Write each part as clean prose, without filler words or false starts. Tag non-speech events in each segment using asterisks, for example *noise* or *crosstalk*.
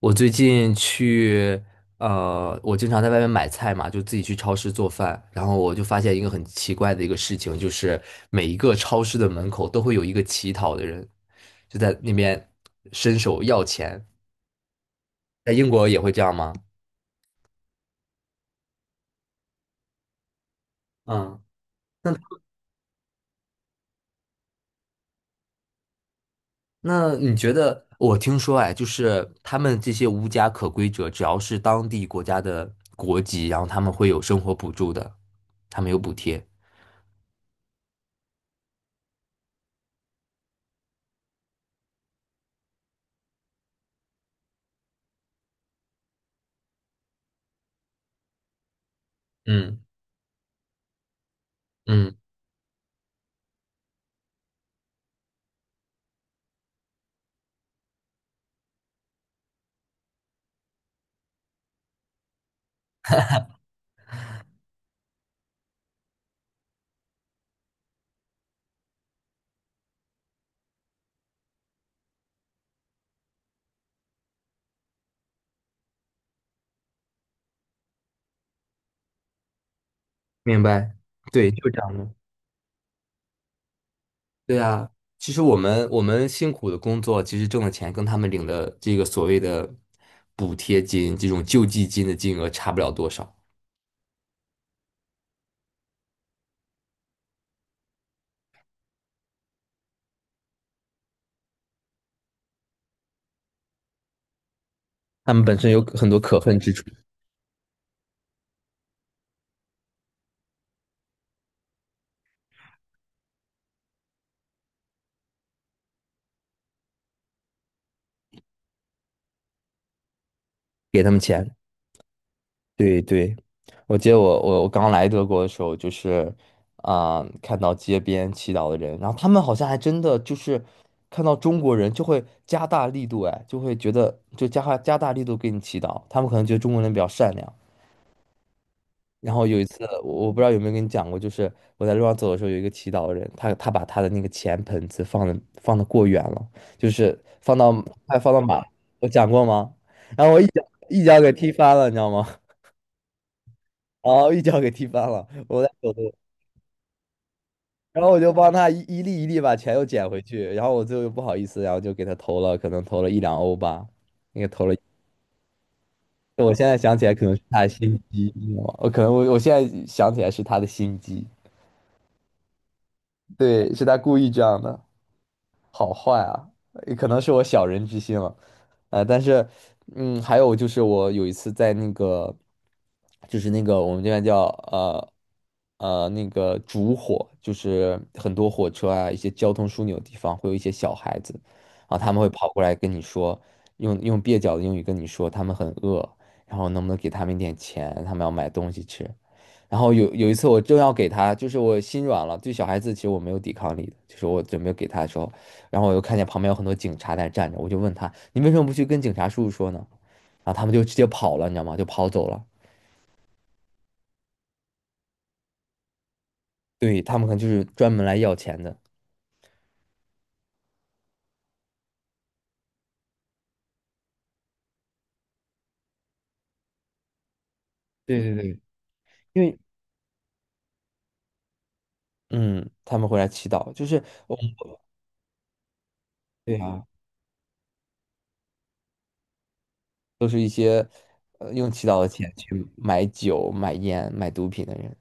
我最近去，我经常在外面买菜嘛，就自己去超市做饭，然后我就发现一个很奇怪的一个事情，就是每一个超市的门口都会有一个乞讨的人，就在那边伸手要钱。在英国也会这样吗？嗯，那你觉得？我听说哎，就是他们这些无家可归者，只要是当地国家的国籍，然后他们会有生活补助的，他们有补贴。嗯嗯，明白。对，就这样的。对啊，其实我们辛苦的工作，其实挣的钱跟他们领的这个所谓的补贴金、这种救济金的金额差不了多少。他们本身有很多可恨之处，给他们钱。对对，我记得我刚来德国的时候，就是啊、看到街边祈祷的人，然后他们好像还真的就是看到中国人就会加大力度，哎，就会觉得就加大力度给你祈祷。他们可能觉得中国人比较善良。然后有一次，我不知道有没有跟你讲过，就是我在路上走的时候，有一个祈祷的人，他把他的那个钱盆子放的过远了，就是放到还放到马，我讲过吗？然后我一脚给踢翻了，你知道吗？*laughs* 然后一脚给踢翻了，我在走路，然后我就帮他一粒一粒把钱又捡回去，然后我最后又不好意思，然后就给他投了，可能投了一两欧吧，那个投了，我现在想起来可能是他的心机，你知道吗？我可能我我现在想起来是他的心机，对，是他故意这样的。好坏啊，也可能是我小人之心了，但是，嗯，还有就是我有一次在那个，就是那个我们这边叫呃那个烛火，就是很多火车啊，一些交通枢纽地方会有一些小孩子，然后他们会跑过来跟你说，用蹩脚的英语跟你说他们很饿，然后能不能给他们一点钱，他们要买东西吃，然后有一次我正要给他，就是我心软了，对小孩子其实我没有抵抗力的，就是我准备给他的时候，然后我又看见旁边有很多警察在站着，我就问他，你为什么不去跟警察叔叔说呢？然后他们就直接跑了，你知道吗？就跑走了。对，他们可能就是专门来要钱的。对对对，因为嗯，他们会来祈祷，就是我们对啊，都是一些用祈祷的钱去买酒、买烟、买毒品的人。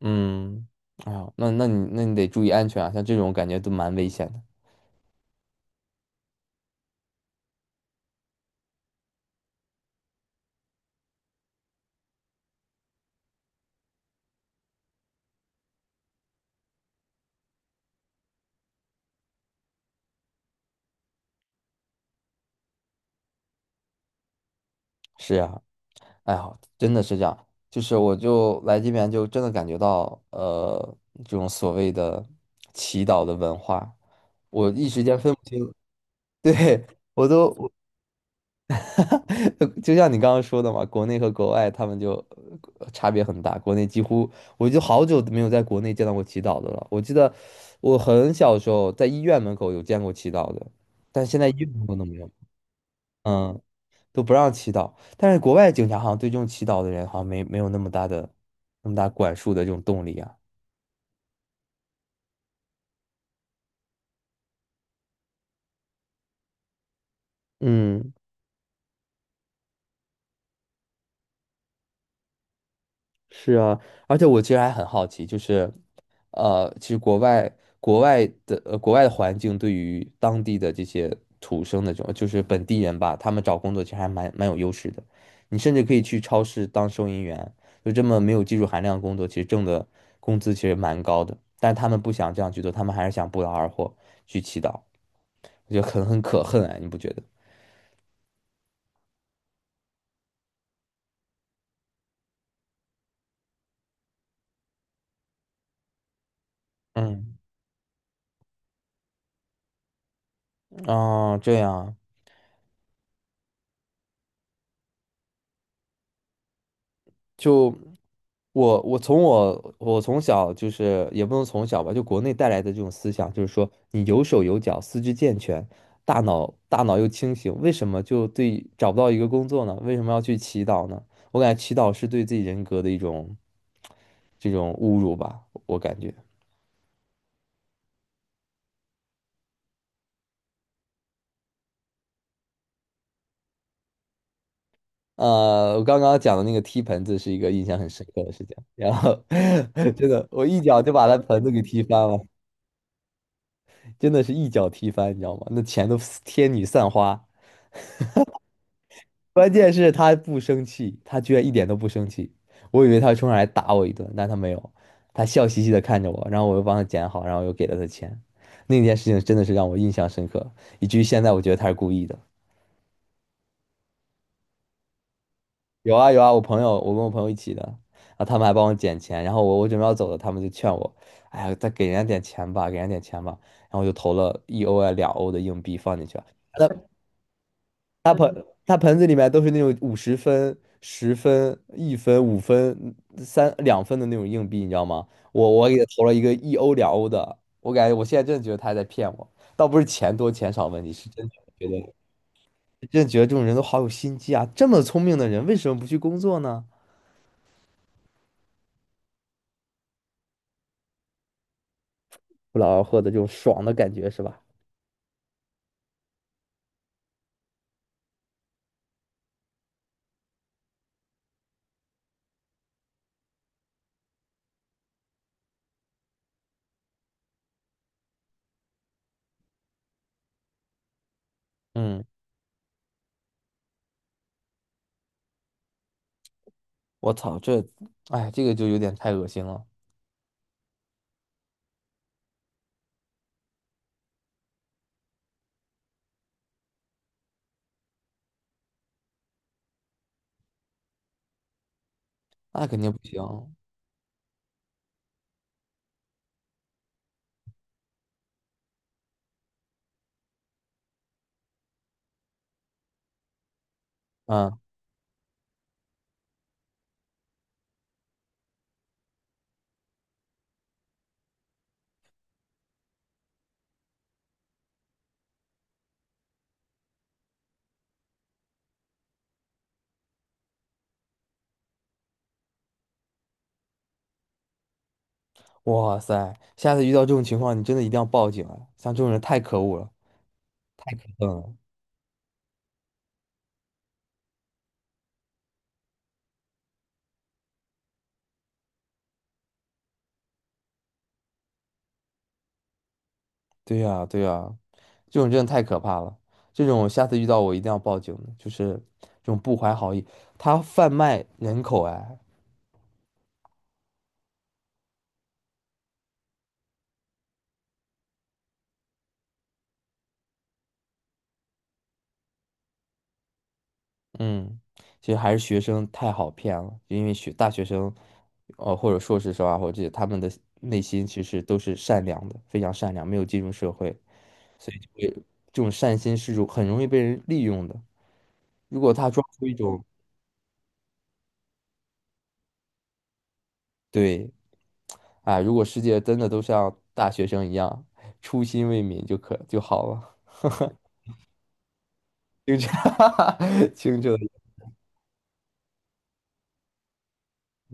嗯，啊，那那你得注意安全啊，像这种感觉都蛮危险的。是呀。哎呀，真的是这样，就是我就来这边就真的感觉到，这种所谓的祈祷的文化，我一时间分不清。*laughs* 对，我都，我 *laughs* 就像你刚刚说的嘛，国内和国外他们就差别很大，国内几乎我就好久都没有在国内见到过祈祷的了。我记得我很小时候在医院门口有见过祈祷的，但现在医院门口都没有。嗯。都不让祈祷。但是国外警察好像对这种祈祷的人好像没有那么大的那么大管束的这种动力啊。嗯，是啊，而且我其实还很好奇，就是，其实国外国外的环境对于当地的这些土生的这种就是本地人吧，他们找工作其实还蛮有优势的。你甚至可以去超市当收银员，就这么没有技术含量的工作，其实挣的工资其实蛮高的。但是他们不想这样去做，他们还是想不劳而获去祈祷。我觉得很可恨哎，你不觉得？嗯，啊，这样啊就我从小就是也不能从小吧，就国内带来的这种思想，就是说你有手有脚，四肢健全，大脑又清醒，为什么就对找不到一个工作呢？为什么要去祈祷呢？我感觉祈祷是对自己人格的一种这种侮辱吧，我感觉。我刚刚讲的那个踢盆子是一个印象很深刻的事情，然后 *laughs* 真的，我一脚就把他盆子给踢翻了，真的是一脚踢翻，你知道吗？那钱都天女散花，关键是他不生气，他居然一点都不生气，我以为他会冲上来打我一顿，但他没有，他笑嘻嘻的看着我，然后我又帮他捡好，然后又给了他钱，那件事情真的是让我印象深刻，以至于现在我觉得他是故意的。有啊有啊，我朋友，我跟我朋友一起的，然后他们还帮我捡钱，然后我准备要走了，他们就劝我，哎呀，再给人家点钱吧，给人家点钱吧，然后我就投了一欧啊两欧的硬币放进去了，那他盆子里面都是那种五十分、十分、一分、五分、三两分的那种硬币，你知道吗？我给他投了一个一欧两欧的，我感觉我现在真的觉得他还在骗我，倒不是钱多钱少问题，是真的觉得这种人都好有心机啊，这么聪明的人为什么不去工作呢？不劳而获的这种爽的感觉，是吧？嗯，我操，这，哎，这个就有点太恶心了，那肯定不行。嗯，哇塞，下次遇到这种情况，你真的一定要报警啊！像这种人太可恶了。嗯，对呀，对呀，这种真的太可怕了。这种下次遇到我一定要报警的就是这种不怀好意，他贩卖人口哎，嗯，其实还是学生太好骗了，因为学大学生，或者硕士生啊，或者这些他们的内心其实都是善良的，非常善良，没有进入社会，所以就会这种善心是很容易被人利用的。如果他装出一种对，啊，如果世界真的都像大学生一样，初心未泯就好了。*laughs* 清澈，*laughs* 清澈的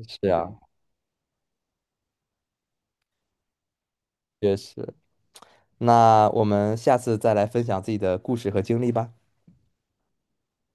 是啊，确实。那我们下次再来分享自己的故事和经历吧。